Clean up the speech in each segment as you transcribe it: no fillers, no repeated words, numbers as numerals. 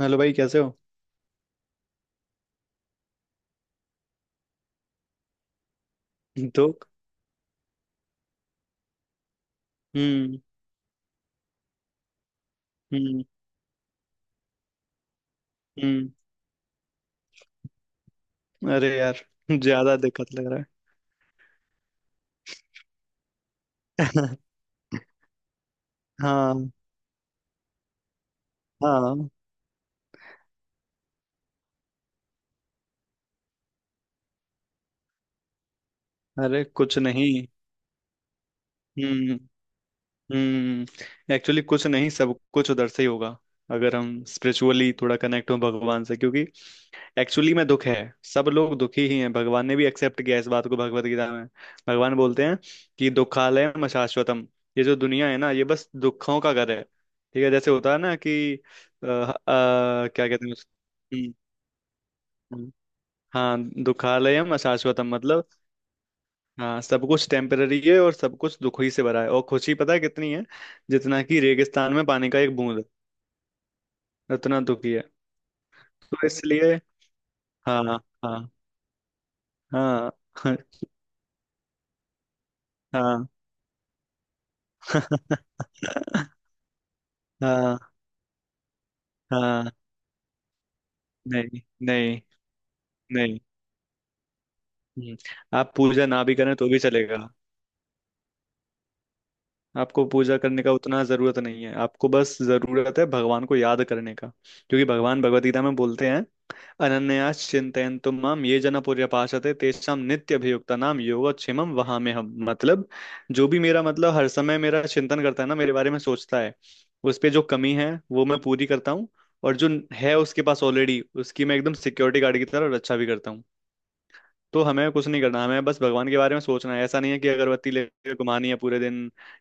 Hello भाई कैसे हो। तो हम्म। हम्म। हम्म। अरे यार ज्यादा दिक्कत लग रहा है। हाँ हाँ। अरे कुछ नहीं। हम्म। एक्चुअली कुछ नहीं सब कुछ उधर से ही होगा। अगर हम स्पिरिचुअली थोड़ा कनेक्ट हो भगवान से, क्योंकि एक्चुअली में दुख है। सब लोग दुखी ही हैं। भगवान ने भी एक्सेप्ट किया इस बात को भगवत गीता में। भगवान बोलते हैं कि दुखालयम शाश्वतम। ये जो दुनिया है ना, ये बस दुखों का घर है। ठीक है, जैसे होता है ना कि क्या कहते हैं हम्म, हम्म। हाँ, दुखालयम अशाश्वतम मतलब, हाँ सब कुछ टेम्पररी है और सब कुछ दुख ही से भरा है, और खुशी पता है कितनी है? जितना कि रेगिस्तान में पानी का एक बूंद, उतना दुखी है। तो इसलिए हाँ हाँ हाँ। हाँ हाँ हाँ। नहीं नहीं नहीं। हम्म, आप पूजा ना भी करें तो भी चलेगा। आपको पूजा करने का उतना जरूरत नहीं है। आपको बस जरूरत है भगवान को याद करने का, क्योंकि भगवान भगवत गीता में बोलते हैं, अनन्यास चिंतयन्तु माम ये जना पर्यपासते, तेषां नित्य अभियुक्ता नाम योगक्षेमम वहाम्यहम्। मतलब जो भी मेरा, मतलब हर समय मेरा चिंतन करता है ना, मेरे बारे में सोचता है, उस पे जो कमी है वो मैं पूरी करता हूँ। और जो है उसके पास ऑलरेडी, उसकी मैं एकदम सिक्योरिटी गार्ड की तरह रक्षा भी करता हूँ। तो हमें कुछ नहीं करना, हमें बस भगवान के बारे में सोचना है। ऐसा नहीं है कि अगरबत्ती लेके घुमानी है पूरे दिन,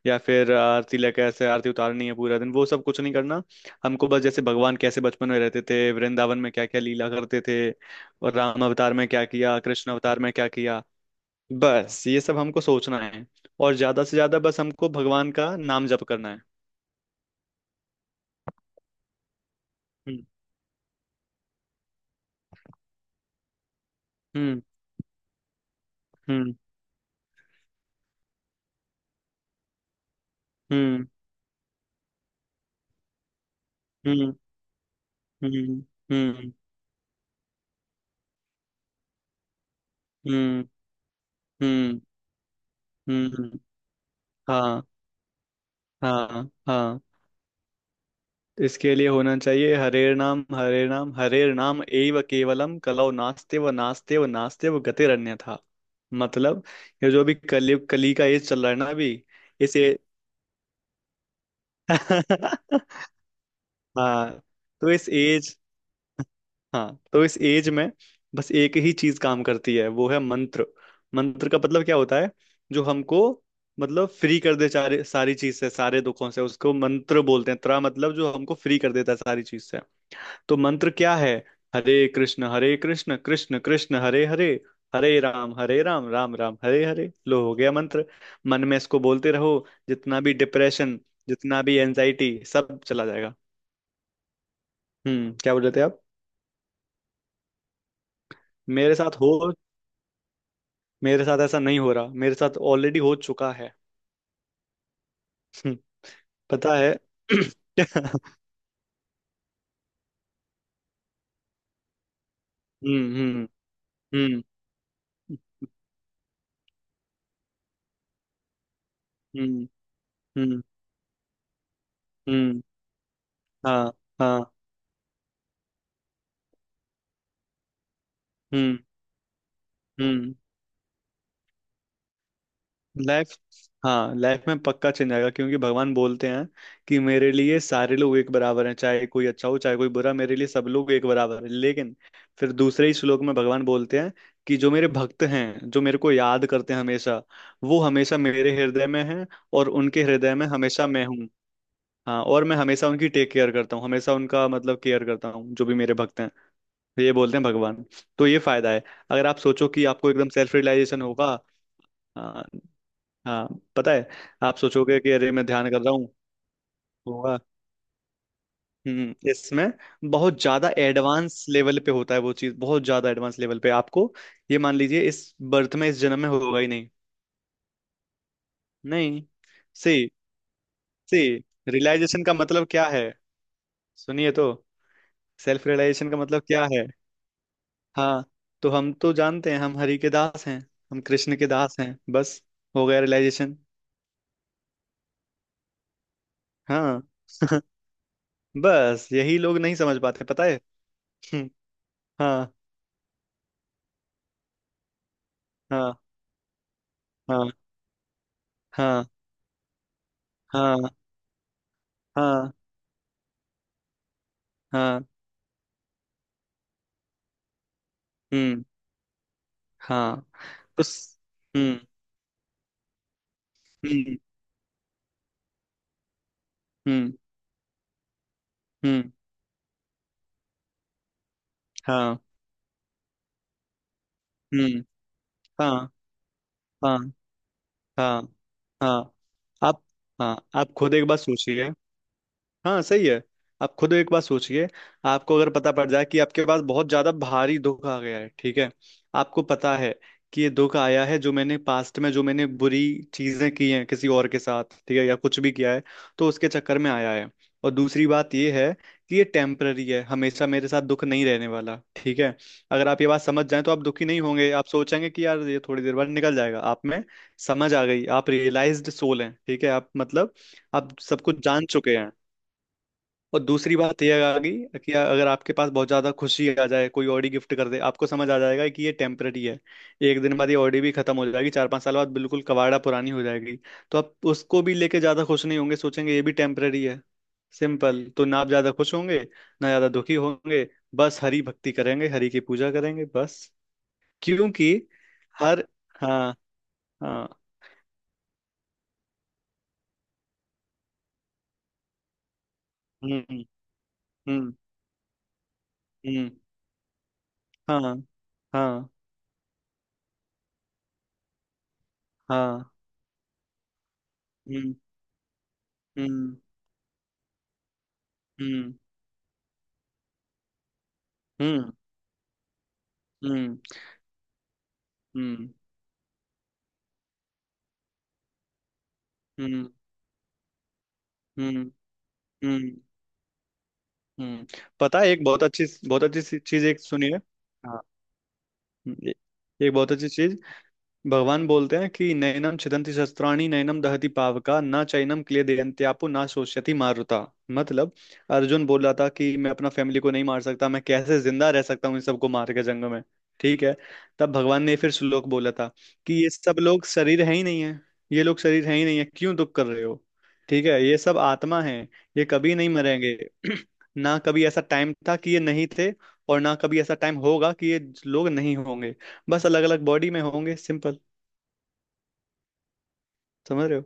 या फिर आरती लेके ऐसे आरती उतारनी है पूरा दिन, वो सब कुछ नहीं करना। हमको बस जैसे भगवान कैसे बचपन में रहते थे, वृंदावन में क्या क्या लीला करते थे, और राम अवतार में क्या किया, कृष्ण अवतार में क्या किया, बस ये सब हमको सोचना है। और ज्यादा से ज्यादा बस हमको भगवान का नाम जप करना है। हम्म। हम्म। हम्म। हम्म। हम्म। हम्म। हम्म। हम्म। हम्म। हम्म, हाँ। हाँ हाँ, इसके लिए होना चाहिए, हरे नाम हरे नाम हरे नाम एव केवलम, कलौ नास्ते व नास्ते व नास्ते व गतिरन्य था। मतलब, ये जो भी कली, कली का एज चल रहा है ना अभी, इस ए... हाँ तो इस एज हाँ तो इस एज में बस एक ही चीज काम करती है, वो है मंत्र। मंत्र का मतलब क्या होता है? जो हमको, मतलब फ्री कर दे सारे, सारी चीज से, सारे दुखों से, उसको मंत्र बोलते हैं। त्रा मतलब जो हमको फ्री कर देता है सारी चीज से। तो मंत्र क्या है? हरे कृष्ण कृष्ण कृष्ण हरे हरे, हरे राम राम राम हरे हरे। लो हो गया मंत्र। मन में इसको बोलते रहो, जितना भी डिप्रेशन, जितना भी एंजाइटी, सब चला जाएगा। हम्म, क्या बोल रहे थे आप? मेरे साथ हो मेरे साथ ऐसा नहीं हो रहा, मेरे साथ ऑलरेडी हो चुका है। हम्म, पता है। हम्म। हम्म। हम्म। हम्म। हम्म। हम्म, हाँ। हाँ। हम्म। हम्म। लाइफ, हाँ लाइफ में पक्का चेंज आएगा, क्योंकि भगवान बोलते हैं कि मेरे लिए सारे लोग एक बराबर हैं, चाहे कोई अच्छा हो चाहे कोई बुरा, मेरे लिए सब लोग एक बराबर हैं। लेकिन फिर दूसरे ही श्लोक में भगवान बोलते हैं कि जो मेरे भक्त हैं, जो मेरे को याद करते हैं हमेशा, वो हमेशा मेरे हृदय में हैं, और उनके हृदय में हमेशा मैं हूँ। हाँ, और मैं हमेशा उनकी टेक केयर करता हूँ, हमेशा उनका मतलब केयर करता हूँ, जो भी मेरे भक्त हैं। तो ये बोलते हैं भगवान। तो ये फायदा है, अगर आप सोचो कि आपको एकदम सेल्फ रियलाइजेशन होगा। हाँ, हाँ पता है। आप सोचोगे कि अरे मैं ध्यान कर रहा हूँ, होगा। हम्म, इसमें बहुत ज्यादा एडवांस लेवल पे होता है वो चीज, बहुत ज्यादा एडवांस लेवल पे आपको, ये मान लीजिए इस बर्थ में, इस जन्म में होगा ही नहीं। नहीं। सी सी रियलाइजेशन का मतलब क्या है? सुनिए तो, सेल्फ रियलाइजेशन का मतलब क्या है? हाँ तो हम तो जानते हैं, हम हरि के दास हैं, हम कृष्ण के दास हैं, बस हो गया रियलाइजेशन। हाँ बस यही लोग नहीं समझ पाते, पता है। हम्म, हाँ। हाँ। हाँ। हाँ। हाँ। हाँ। हाँ। हम्म। हाँ। उस, हम्म। हम्म। हम्म। हम्म। हाँ। हम्म। हाँ। हाँ। हाँ। हाँ। आप, हाँ आप खुद एक बार सोचिए। हाँ सही है, आप खुद एक बार सोचिए। आपको अगर पता पड़ जाए कि आपके पास बहुत ज्यादा भारी दुख आ गया है, ठीक है, आपको पता है कि ये दुख आया है जो मैंने पास्ट में, जो मैंने बुरी चीजें की हैं किसी और के साथ, ठीक है, या कुछ भी किया है, तो उसके चक्कर में आया है। और दूसरी बात ये है कि ये टेम्पररी है, हमेशा मेरे साथ दुख नहीं रहने वाला। ठीक है, अगर आप ये बात समझ जाएं, तो आप दुखी नहीं होंगे। आप सोचेंगे कि यार ये थोड़ी देर बाद निकल जाएगा, आप में समझ आ गई, आप रियलाइज्ड सोल हैं। ठीक है, आप मतलब, आप सब कुछ जान चुके हैं। और दूसरी बात यह आ गई कि अगर आपके पास बहुत ज्यादा खुशी आ जाए, कोई ऑडी गिफ्ट कर दे, आपको समझ आ जाएगा कि ये टेम्पररी है, एक दिन बाद ये ऑडी भी खत्म हो जाएगी, चार पांच साल बाद बिल्कुल कबाड़ा पुरानी हो जाएगी। तो आप उसको भी लेके ज्यादा खुश नहीं होंगे, सोचेंगे ये भी टेम्पररी है। सिंपल, तो ना आप ज्यादा खुश होंगे, ना ज्यादा दुखी होंगे। बस हरि भक्ति करेंगे, हरि की पूजा करेंगे बस। क्योंकि हर, हाँ। हाँ। हम्म। हम्म। हम्म। हाँ। हाँ। हाँ। हम्म। हम्म। हम्म। हम्म। हम्म। हम्म। हम्म। हम्म। हम्म। हम्म। पता है एक बहुत अच्छी, बहुत अच्छी चीज एक सुनी है। हाँ। हम्म, ए- एक बहुत अच्छी चीज, भगवान बोलते हैं कि नैनम छिदन्ति शस्त्राणि, नैनम दहति पावका, न चैनम क्लेदयन्त्यापो, न शोष्यति मारुता। मतलब अर्जुन बोला था कि मैं अपना फैमिली को नहीं मार सकता, मैं कैसे जिंदा रह सकता हूँ इन सबको मार के जंग में, ठीक है। तब भगवान ने फिर श्लोक बोला था कि ये सब लोग शरीर है ही नहीं है, ये लोग शरीर है ही नहीं है, क्यों दुख कर रहे हो? ठीक है, ये सब आत्मा है, ये कभी नहीं मरेंगे। ना कभी ऐसा टाइम था कि ये नहीं थे, और ना कभी ऐसा टाइम होगा कि ये लोग नहीं होंगे। बस अलग अलग बॉडी में होंगे, सिंपल। समझ रहे हो?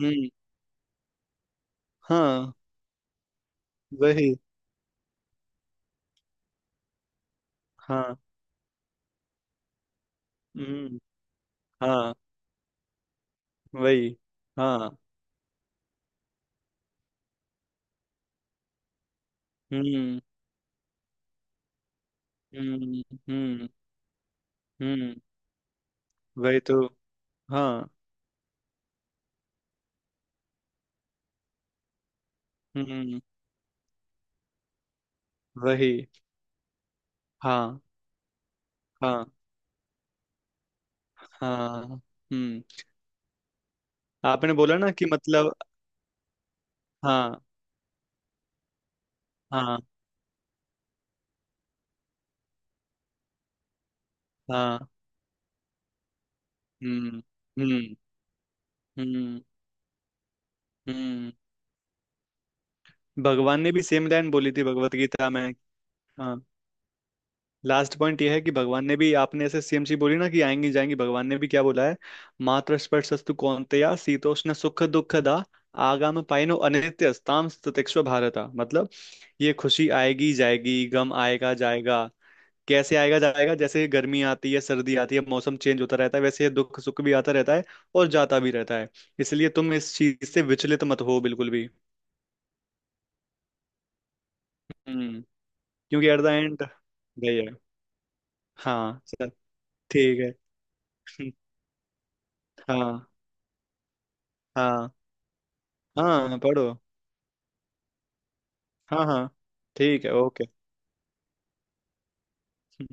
हम्म। हाँ। वही। हाँ। हम्म। हाँ। वही। हाँ। हम्म। हम्म। हम्म। हम्म। वही तो। हाँ। हम्म। वही। हाँ। हाँ। हाँ। हम्म। आपने बोला ना कि मतलब, हाँ हाँ हाँ। हम्म। हम्म। हम्म। हम्म। भगवान ने भी सेम लाइन बोली थी भगवत गीता में। हाँ, लास्ट पॉइंट यह है कि भगवान ने भी, आपने ऐसे सीएमसी बोली ना कि आएंगी जाएंगी, भगवान ने भी क्या बोला है, मातृस्पर्शस्तु कौन्तेया शीतोष्ण सुख दुखदा, आगाम पाइनो अनित्यस्ताम ततिस्व भारता। मतलब ये खुशी आएगी जाएगी, गम आएगा जाएगा। कैसे आएगा जाएगा? जैसे गर्मी आती है, सर्दी आती है, मौसम चेंज होता रहता है, वैसे ये दुख सुख भी आता रहता है, और जाता भी रहता है। इसलिए तुम इस चीज से विचलित मत हो, बिल्कुल भी। हम्म, क्योंकि एट द एंड गई है। हाँ चल, ठीक है। हाँ। हाँ। हाँ, पढ़ो। हाँ हाँ, ठीक है, ओके।